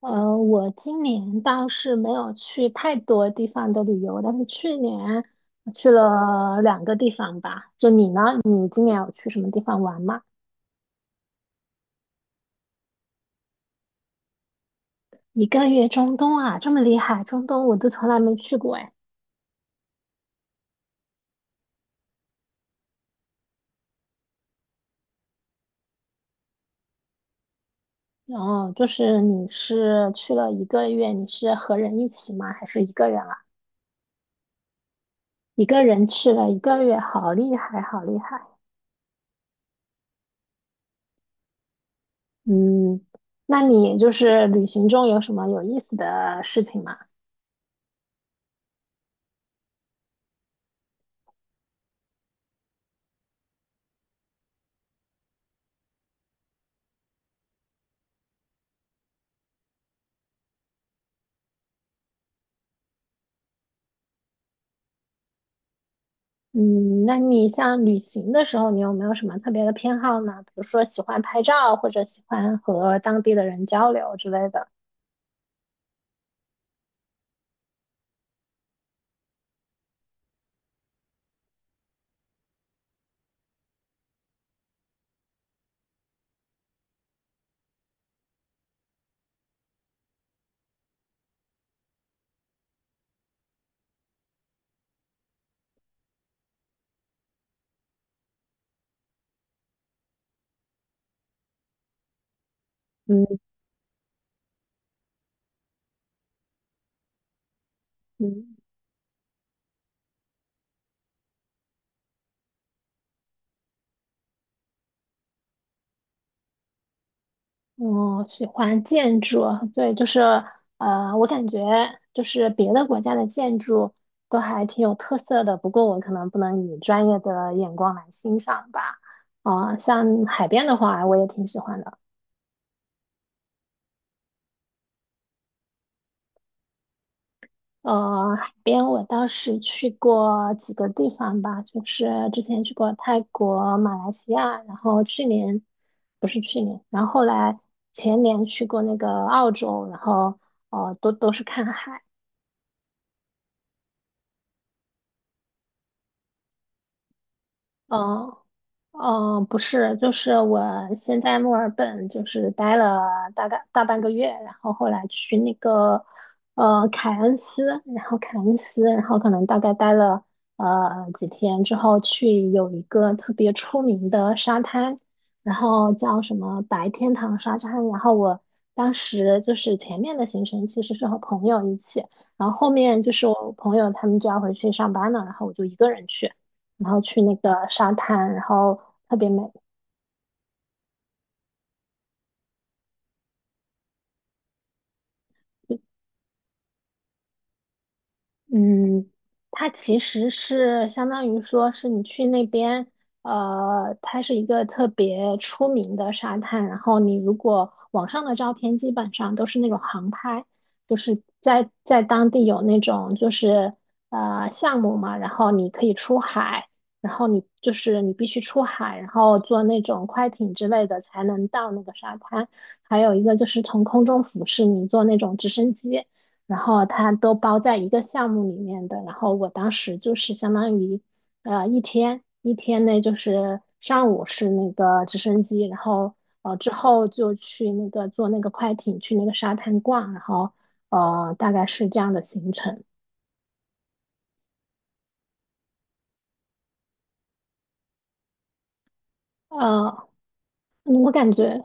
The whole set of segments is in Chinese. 我今年倒是没有去太多地方的旅游，但是去年去了两个地方吧。就你呢？你今年有去什么地方玩吗？一个月中东啊，这么厉害，中东我都从来没去过哎。然后就是你是去了一个月，你是和人一起吗？还是一个人啊？一个人去了一个月，好厉害，好厉害。嗯，那你就是旅行中有什么有意思的事情吗？嗯，那你像旅行的时候，你有没有什么特别的偏好呢？比如说喜欢拍照，或者喜欢和当地的人交流之类的。嗯嗯，我喜欢建筑，对，就是,我感觉就是别的国家的建筑都还挺有特色的，不过我可能不能以专业的眼光来欣赏吧。啊、像海边的话，我也挺喜欢的。海边我倒是去过几个地方吧，就是之前去过泰国、马来西亚，然后去年不是去年，然后后来前年去过那个澳洲，然后都是看海。嗯。嗯，不是，就是我先在墨尔本就是待了大概大半个月，然后后来去那个凯恩斯，然后凯恩斯，然后可能大概待了几天之后，去有一个特别出名的沙滩，然后叫什么白天堂沙滩，然后我当时就是前面的行程其实是和朋友一起，然后后面就是我朋友他们就要回去上班了，然后我就一个人去。然后去那个沙滩，然后特别美。嗯，它其实是相当于说是你去那边，它是一个特别出名的沙滩。然后你如果网上的照片基本上都是那种航拍，就是在当地有那种就是项目嘛，然后你可以出海，然后你就是你必须出海，然后坐那种快艇之类的才能到那个沙滩。还有一个就是从空中俯视，你坐那种直升机。然后它都包在一个项目里面的。然后我当时就是相当于，一天内就是上午是那个直升机，然后之后就去那个坐那个快艇去那个沙滩逛，然后大概是这样的行程。呃，我感觉。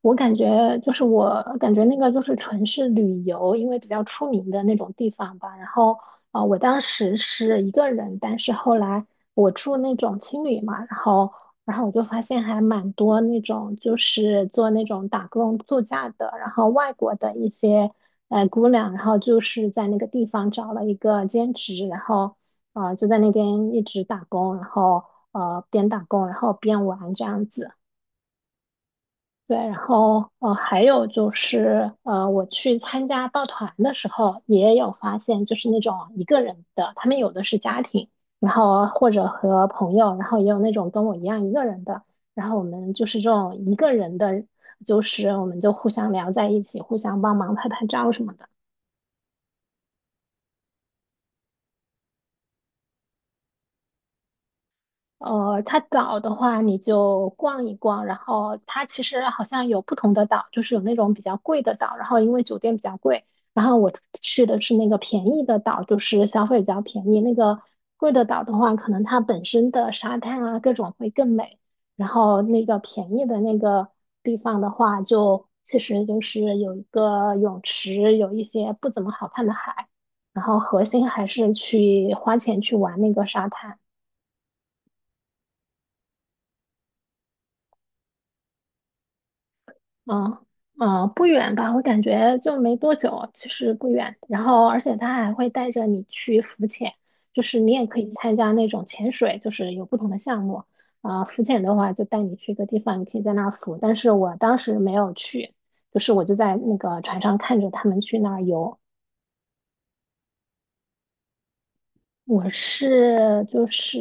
我感觉那个就是纯是旅游，因为比较出名的那种地方吧。然后啊、我当时是一个人，但是后来我住那种青旅嘛，然后我就发现还蛮多那种就是做那种打工度假的，然后外国的一些姑娘，然后就是在那个地方找了一个兼职，然后啊、就在那边一直打工，然后边打工然后边玩这样子。对，然后还有就是我去参加报团的时候，也有发现，就是那种一个人的，他们有的是家庭，然后或者和朋友，然后也有那种跟我一样一个人的，然后我们就是这种一个人的，就是我们就互相聊在一起，互相帮忙拍拍照什么的。它岛的话，你就逛一逛，然后它其实好像有不同的岛，就是有那种比较贵的岛，然后因为酒店比较贵，然后我去的是那个便宜的岛，就是消费比较便宜。那个贵的岛的话，可能它本身的沙滩啊各种会更美，然后那个便宜的那个地方的话就，其实就是有一个泳池，有一些不怎么好看的海，然后核心还是去花钱去玩那个沙滩。啊嗯，不远吧？我感觉就没多久，其实不远。然后，而且他还会带着你去浮潜，就是你也可以参加那种潜水，就是有不同的项目。啊、浮潜的话就带你去一个地方，你可以在那儿浮。但是我当时没有去，就是我就在那个船上看着他们去那儿游。我是就是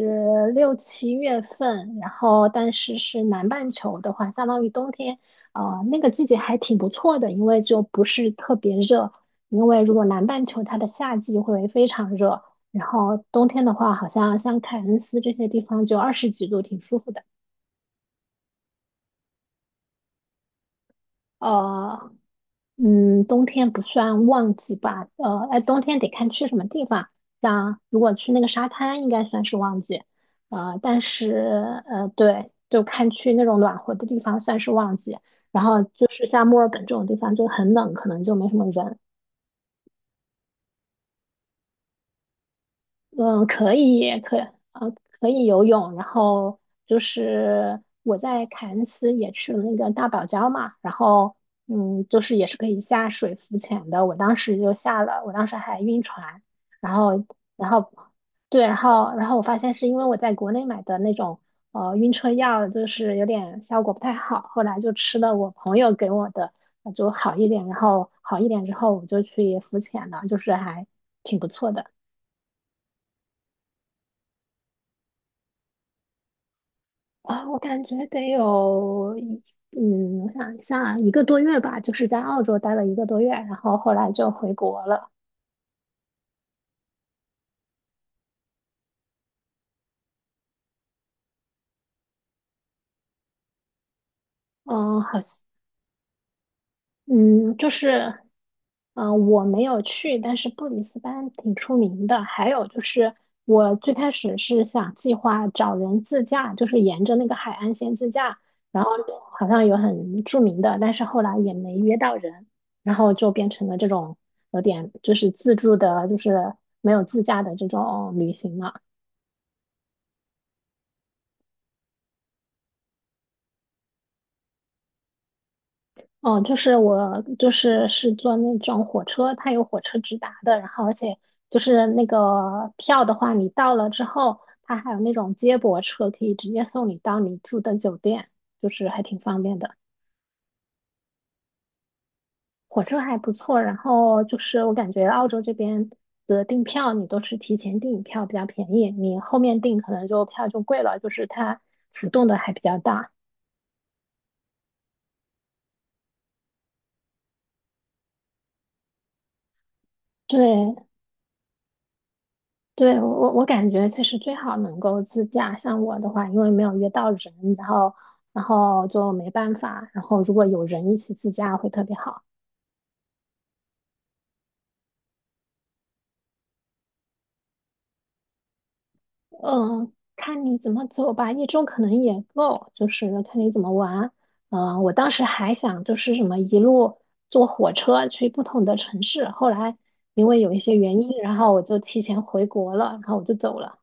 六七月份，然后但是是南半球的话，相当于冬天，那个季节还挺不错的，因为就不是特别热。因为如果南半球它的夏季会非常热，然后冬天的话，好像像凯恩斯这些地方就二十几度，挺舒服的。呃，嗯，冬天不算旺季吧？哎，冬天得看去什么地方。像如果去那个沙滩，应该算是旺季。但是,对，就看去那种暖和的地方算是旺季。然后就是像墨尔本这种地方就很冷，可能就没什么人。嗯，可以，呃可以游泳，然后就是我在凯恩斯也去了那个大堡礁嘛，然后嗯，就是也是可以下水浮潜的，我当时就下了，我当时还晕船，然后然后对，然后我发现是因为我在国内买的那种晕车药，就是有点效果不太好，后来就吃了我朋友给我的，就好一点，然后好一点之后我就去浮潜了，就是还挺不错的。啊，我感觉得有一，嗯，我想一下，一个多月吧，就是在澳洲待了一个多月，然后后来就回国了。嗯，好像，嗯，就是，嗯、我没有去，但是布里斯班挺出名的。还有就是，我最开始是想计划找人自驾，就是沿着那个海岸线自驾，然后好像有很著名的，但是后来也没约到人，然后就变成了这种有点就是自助的，就是没有自驾的这种旅行了。哦，我是坐那种火车，它有火车直达的，然后而且就是那个票的话，你到了之后，它还有那种接驳车可以直接送你到你住的酒店，就是还挺方便的。火车还不错，然后就是我感觉澳洲这边的订票，你都是提前订票比较便宜，你后面订可能就票就贵了，就是它浮动的还比较大。对，对，我感觉其实最好能够自驾。像我的话，因为没有约到人，然后然后就没办法。然后如果有人一起自驾会特别好。嗯，看你怎么走吧，一周可能也够，就是看你怎么玩。嗯，我当时还想就是什么一路坐火车去不同的城市，后来因为有一些原因，然后我就提前回国了，然后我就走了。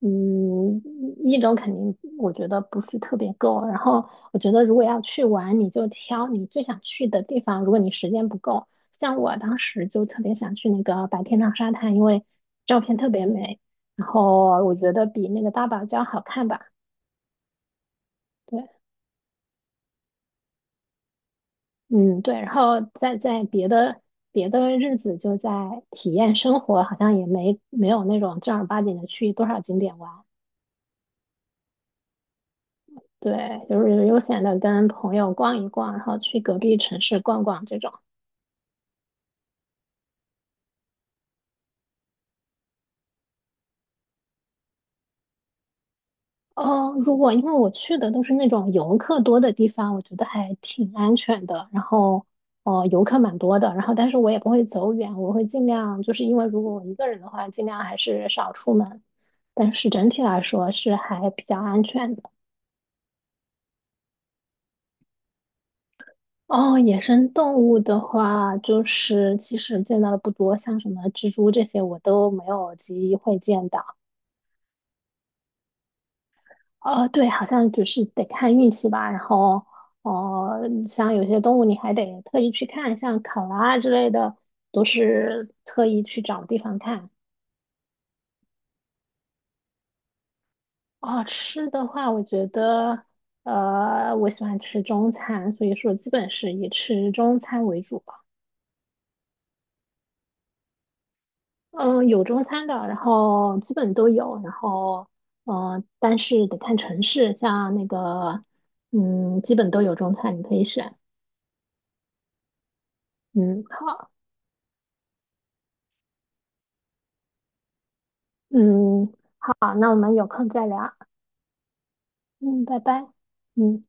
嗯，一周肯定我觉得不是特别够。然后我觉得如果要去玩，你就挑你最想去的地方。如果你时间不够，像我当时就特别想去那个白天堂沙滩，因为照片特别美，然后我觉得比那个大堡礁好看吧。对，嗯，对。然后再在别的日子就在体验生活，好像也没有那种正儿八经的去多少景点玩。对，就是悠闲的跟朋友逛一逛，然后去隔壁城市逛逛这种。哦，如果因为我去的都是那种游客多的地方，我觉得还挺安全的。然后，哦，游客蛮多的。然后，但是我也不会走远，我会尽量，就是因为如果我一个人的话，尽量还是少出门。但是整体来说是还比较安全的。哦，野生动物的话，就是其实见到的不多，像什么蜘蛛这些我都没有机会见到。哦，对，好像就是得看运气吧。然后，哦、像有些动物你还得特意去看，像考拉之类的，都是特意去找地方看。哦，吃的话，我觉得，我喜欢吃中餐，所以说基本是以吃中餐为主吧。嗯，有中餐的，然后基本都有，然后，嗯，但是得看城市，像那个，嗯，基本都有中餐，你可以选。嗯，好。嗯，好，那我们有空再聊。嗯，拜拜。嗯。